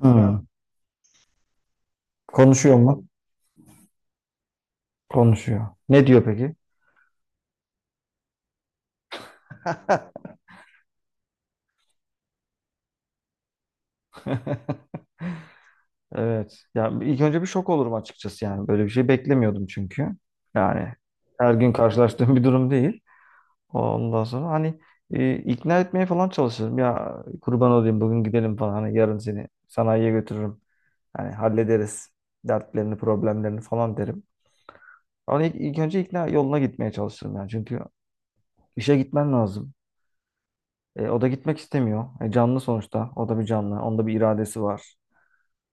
Hı. Konuşuyor mu? Konuşuyor. Ne diyor peki? Evet. Ya ilk önce bir şok olurum açıkçası yani. Böyle bir şey beklemiyordum çünkü. Yani her gün karşılaştığım bir durum değil. Ondan sonra hani ikna etmeye falan çalışırım. Ya kurban olayım bugün gidelim falan. Hani yarın seni sanayiye götürürüm. Hani hallederiz dertlerini, problemlerini falan derim. Ama ilk önce ikna yoluna gitmeye çalışırım yani. Çünkü işe gitmen lazım. O da gitmek istemiyor. Canlı sonuçta. O da bir canlı. Onda bir iradesi var.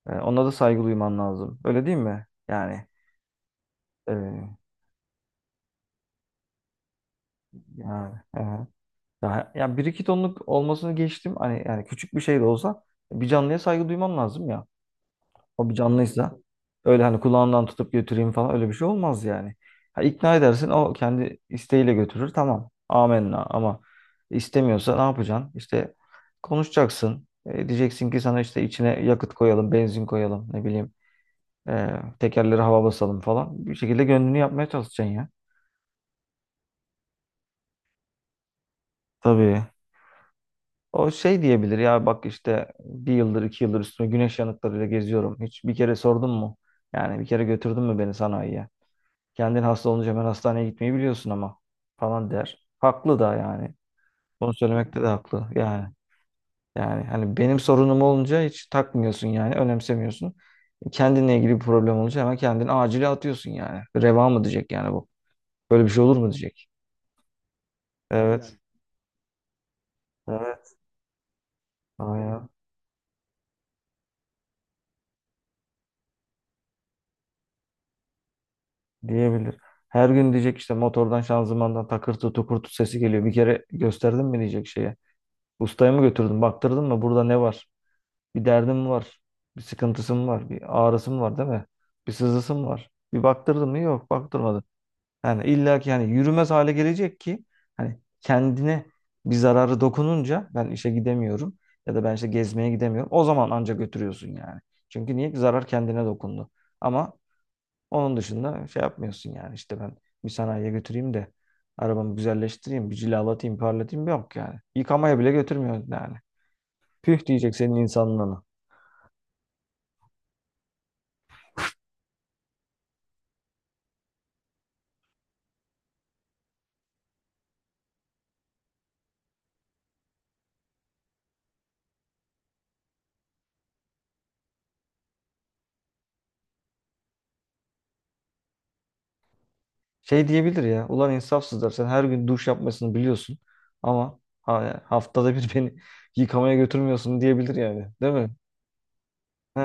Ona da saygı duyman lazım. Öyle değil mi? E, yani daha ya bir iki tonluk olmasını geçtim. Hani yani küçük bir şey de olsa bir canlıya saygı duyman lazım ya. O bir canlıysa öyle hani kulağından tutup götüreyim falan öyle bir şey olmaz yani. Ha, ikna edersin, o kendi isteğiyle götürür, tamam. Amenna ama istemiyorsa ne yapacaksın? İşte konuşacaksın. Diyeceksin ki sana işte içine yakıt koyalım, benzin koyalım, ne bileyim. E, Tekerleri hava basalım falan. Bir şekilde gönlünü yapmaya çalışacaksın ya. Tabii. O şey diyebilir ya, bak işte bir yıldır iki yıldır üstüne güneş yanıklarıyla geziyorum. Hiç bir kere sordun mu? Yani bir kere götürdün mü beni sanayiye? Kendin hasta olunca hemen hastaneye gitmeyi biliyorsun ama, falan der. Haklı da yani. Bunu söylemekte de haklı. Yani hani benim sorunum olunca hiç takmıyorsun yani, önemsemiyorsun. Kendinle ilgili bir problem olunca hemen kendini acile atıyorsun yani. Reva mı diyecek yani bu? Böyle bir şey olur mu diyecek. Evet. Yani evet. Aynen. Diyebilir. Her gün diyecek işte motordan şanzımandan takırtı tukurtu sesi geliyor. Bir kere gösterdin mi diyecek şeye. Ustaya mı götürdün, baktırdın mı, burada ne var? Bir derdin mi var? Bir sıkıntısı mı var? Bir ağrısı mı var, değil mi? Bir sızısı mı var? Bir baktırdın mı? Yok, baktırmadın. Yani illa ki yani yürümez hale gelecek ki hani kendine bir zararı dokununca ben işe gidemiyorum ya da ben işte gezmeye gidemiyorum. O zaman anca götürüyorsun yani. Çünkü niye? Zarar kendine dokundu. Ama onun dışında şey yapmıyorsun yani, işte ben bir sanayiye götüreyim de arabamı güzelleştireyim, bir cilalatayım, parlatayım, yok yani. Yıkamaya bile götürmüyorsun yani. Püh diyecek senin insanlığına. Şey diyebilir ya, ulan insafsızlar, sen her gün duş yapmasını biliyorsun ama haftada bir beni yıkamaya götürmüyorsun, diyebilir yani, değil mi? He.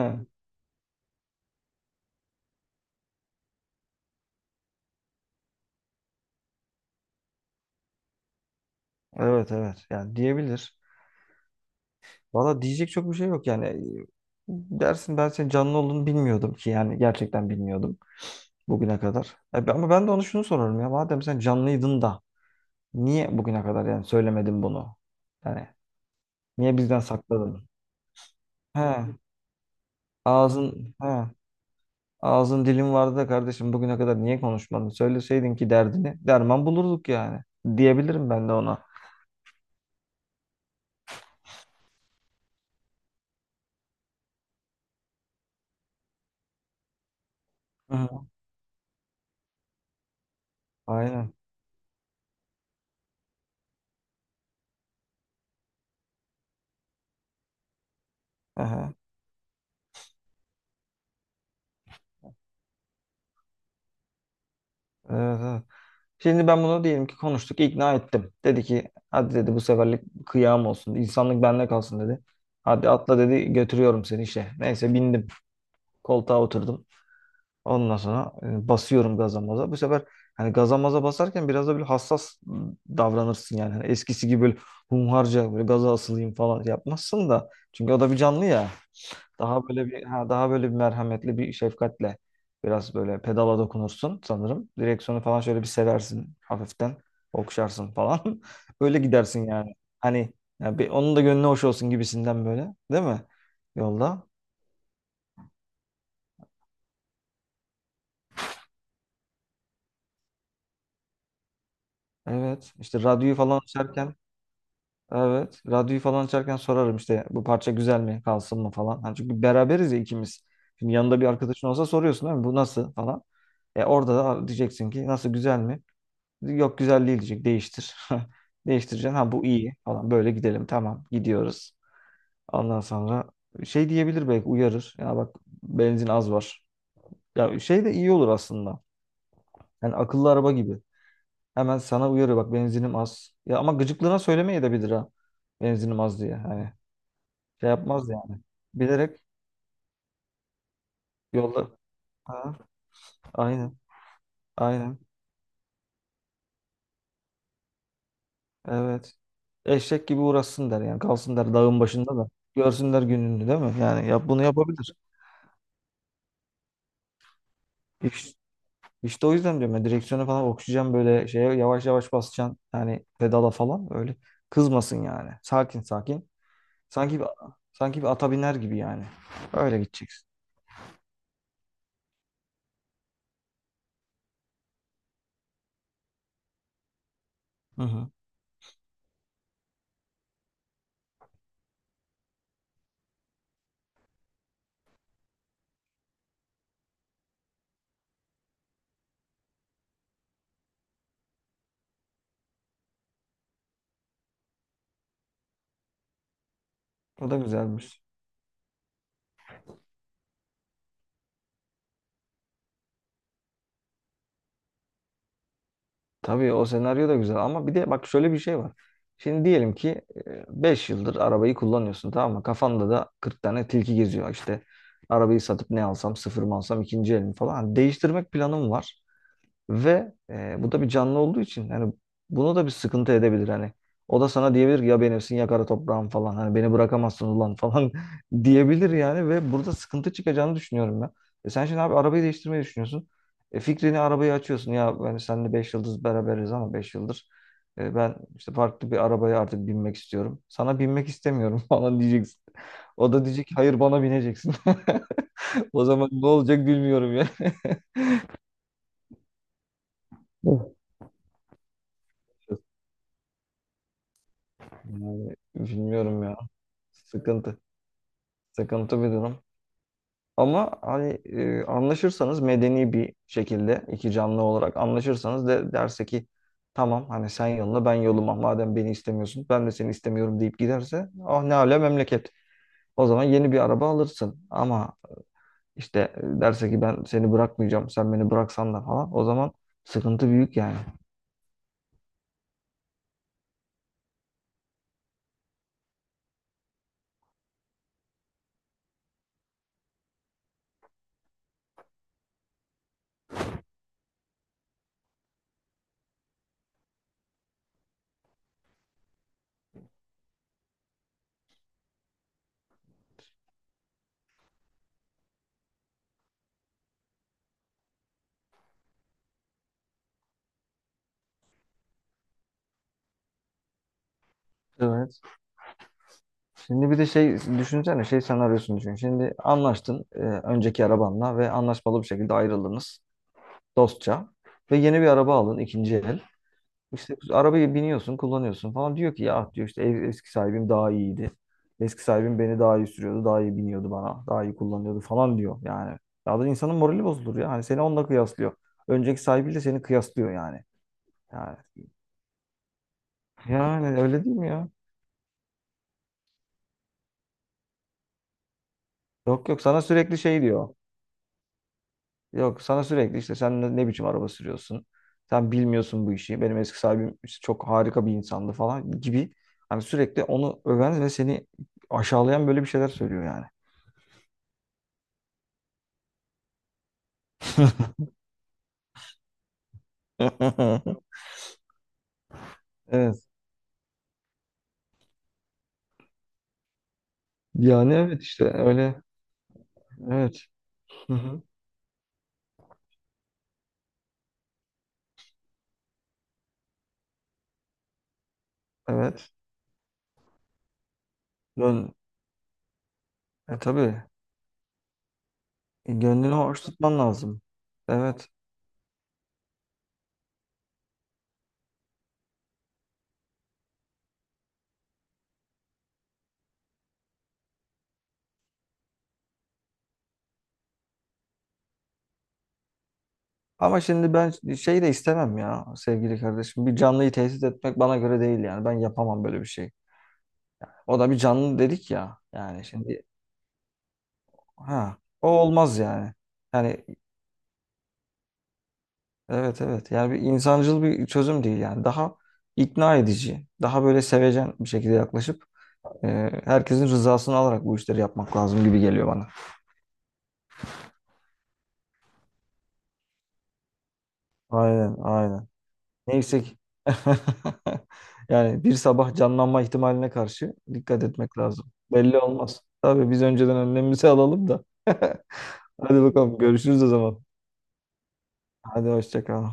Evet evet, yani diyebilir. Valla diyecek çok bir şey yok yani. Dersin ben senin canlı olduğunu bilmiyordum ki, yani gerçekten bilmiyordum bugüne kadar. Ama ben de onu şunu sorarım ya. Madem sen canlıydın da niye bugüne kadar yani söylemedin bunu? Yani niye bizden sakladın? He, ağzın he, ağzın dilin vardı da kardeşim, bugüne kadar niye konuşmadın? Söyleseydin ki derdini derman bulurduk yani. Diyebilirim ben de ona. Hı hı. Aynen. Aha. Evet, evet. Şimdi ben bunu, diyelim ki konuştuk, ikna ettim. Dedi ki hadi, dedi, bu seferlik kıyam olsun. İnsanlık bende kalsın dedi. Hadi atla dedi, götürüyorum seni işe. Neyse bindim. Koltuğa oturdum. Ondan sonra basıyorum gaza maza. Bu sefer hani gaza maza basarken biraz da böyle hassas davranırsın yani. Hani eskisi gibi böyle humharca böyle gaza asılayım falan yapmazsın da. Çünkü o da bir canlı ya. Daha böyle bir merhametli bir şefkatle biraz böyle pedala dokunursun sanırım. Direksiyonu falan şöyle bir seversin hafiften. Okşarsın falan. Öyle gidersin yani. Hani ya bir, onun da gönlü hoş olsun gibisinden böyle. Değil mi? Yolda. Evet. İşte radyoyu falan açarken Evet. Radyoyu falan açarken sorarım işte, bu parça güzel mi, kalsın mı falan. Hani çünkü beraberiz ya ikimiz. Şimdi yanında bir arkadaşın olsa soruyorsun değil mi? Bu nasıl falan. Orada da diyeceksin ki, nasıl, güzel mi? Yok güzel değil diyecek, değiştir. Değiştireceksin, ha bu iyi falan, böyle gidelim, tamam, gidiyoruz. Ondan sonra şey diyebilir, belki uyarır. Ya bak, benzin az var. Ya şey de iyi olur aslında. Yani akıllı araba gibi. Hemen sana uyarıyor, bak benzinim az. Ya ama gıcıklığına söylemeye de bilir ha. Benzinim az diye. Hani şey yapmaz yani. Bilerek yolla. Ha, aynen. Aynen. Evet. Eşek gibi uğraşsın der yani. Kalsın der dağın başında da. Görsünler gününü, değil mi? Yani yap, bunu yapabilir. İş, işte o yüzden diyorum ya, direksiyonu falan okşayacağım, böyle şeye yavaş yavaş basacaksın. Yani pedala falan öyle. Kızmasın yani. Sakin sakin. Sanki bir, sanki bir ata biner gibi yani. Öyle gideceksin. Hı hı. O da güzelmiş. Tabii o senaryo da güzel ama bir de bak şöyle bir şey var. Şimdi diyelim ki 5 yıldır arabayı kullanıyorsun, tamam mı? Kafanda da 40 tane tilki geziyor. İşte arabayı satıp ne alsam, sıfır mı alsam, ikinci el mi falan. Hani değiştirmek planım var. Ve bu da bir canlı olduğu için hani bunu da bir sıkıntı edebilir hani. O da sana diyebilir ki, ya benimsin ya kara toprağım falan. Hani beni bırakamazsın ulan falan diyebilir yani, ve burada sıkıntı çıkacağını düşünüyorum ben. Sen şimdi abi arabayı değiştirmeyi düşünüyorsun. Fikrini arabayı açıyorsun. Ya ben seninle 5 yıldız beraberiz ama 5 yıldır ben işte farklı bir arabaya artık binmek istiyorum. Sana binmek istemiyorum falan diyeceksin. O da diyecek ki, hayır, bana bineceksin. O zaman ne olacak bilmiyorum ya. Yani bilmiyorum ya. Sıkıntı. Sıkıntı bir durum. Ama hani anlaşırsanız, medeni bir şekilde iki canlı olarak anlaşırsanız, de derse ki tamam hani sen yoluna ben yoluma, madem beni istemiyorsun ben de seni istemiyorum deyip giderse, ah ne ala memleket. O zaman yeni bir araba alırsın, ama işte derse ki ben seni bırakmayacağım, sen beni bıraksan da falan, o zaman sıkıntı büyük yani. Evet. Şimdi bir de şey düşünsene, şey senaryosunu düşün. Şimdi anlaştın önceki arabanla ve anlaşmalı bir şekilde ayrıldınız, dostça ve yeni bir araba alın, ikinci el. İşte arabayı biniyorsun, kullanıyorsun falan. Diyor ki ya, diyor, işte eski sahibim daha iyiydi. Eski sahibim beni daha iyi sürüyordu, daha iyi biniyordu bana, daha iyi kullanıyordu falan diyor yani. Ya da insanın morali bozulur ya. Hani seni onunla kıyaslıyor. Önceki sahibiyle seni kıyaslıyor yani. Yani, yani öyle değil mi ya? Yok yok, sana sürekli şey diyor. Yok, sana sürekli işte, sen ne biçim araba sürüyorsun? Sen bilmiyorsun bu işi. Benim eski sahibim işte çok harika bir insandı falan gibi. Hani sürekli onu öven ve seni aşağılayan böyle bir şeyler söylüyor yani. Evet. Yani evet, işte öyle. Evet. Hı hı. Evet. Gön e tabii. Gönlünü hoş tutman lazım. Evet. Ama şimdi ben şey de istemem ya sevgili kardeşim. Bir canlıyı tesis etmek bana göre değil yani. Ben yapamam böyle bir şey. O da bir canlı dedik ya. Yani şimdi. Ha, o olmaz yani. Yani evet evet. Yani bir insancıl bir çözüm değil yani. Daha ikna edici, daha böyle sevecen bir şekilde yaklaşıp herkesin rızasını alarak bu işleri yapmak lazım gibi geliyor bana. Aynen, aynen. Neyse ki yani bir sabah canlanma ihtimaline karşı dikkat etmek lazım. Belli olmaz. Tabii biz önceden önlemimizi alalım da. Hadi bakalım, görüşürüz o zaman. Hadi hoşça kal.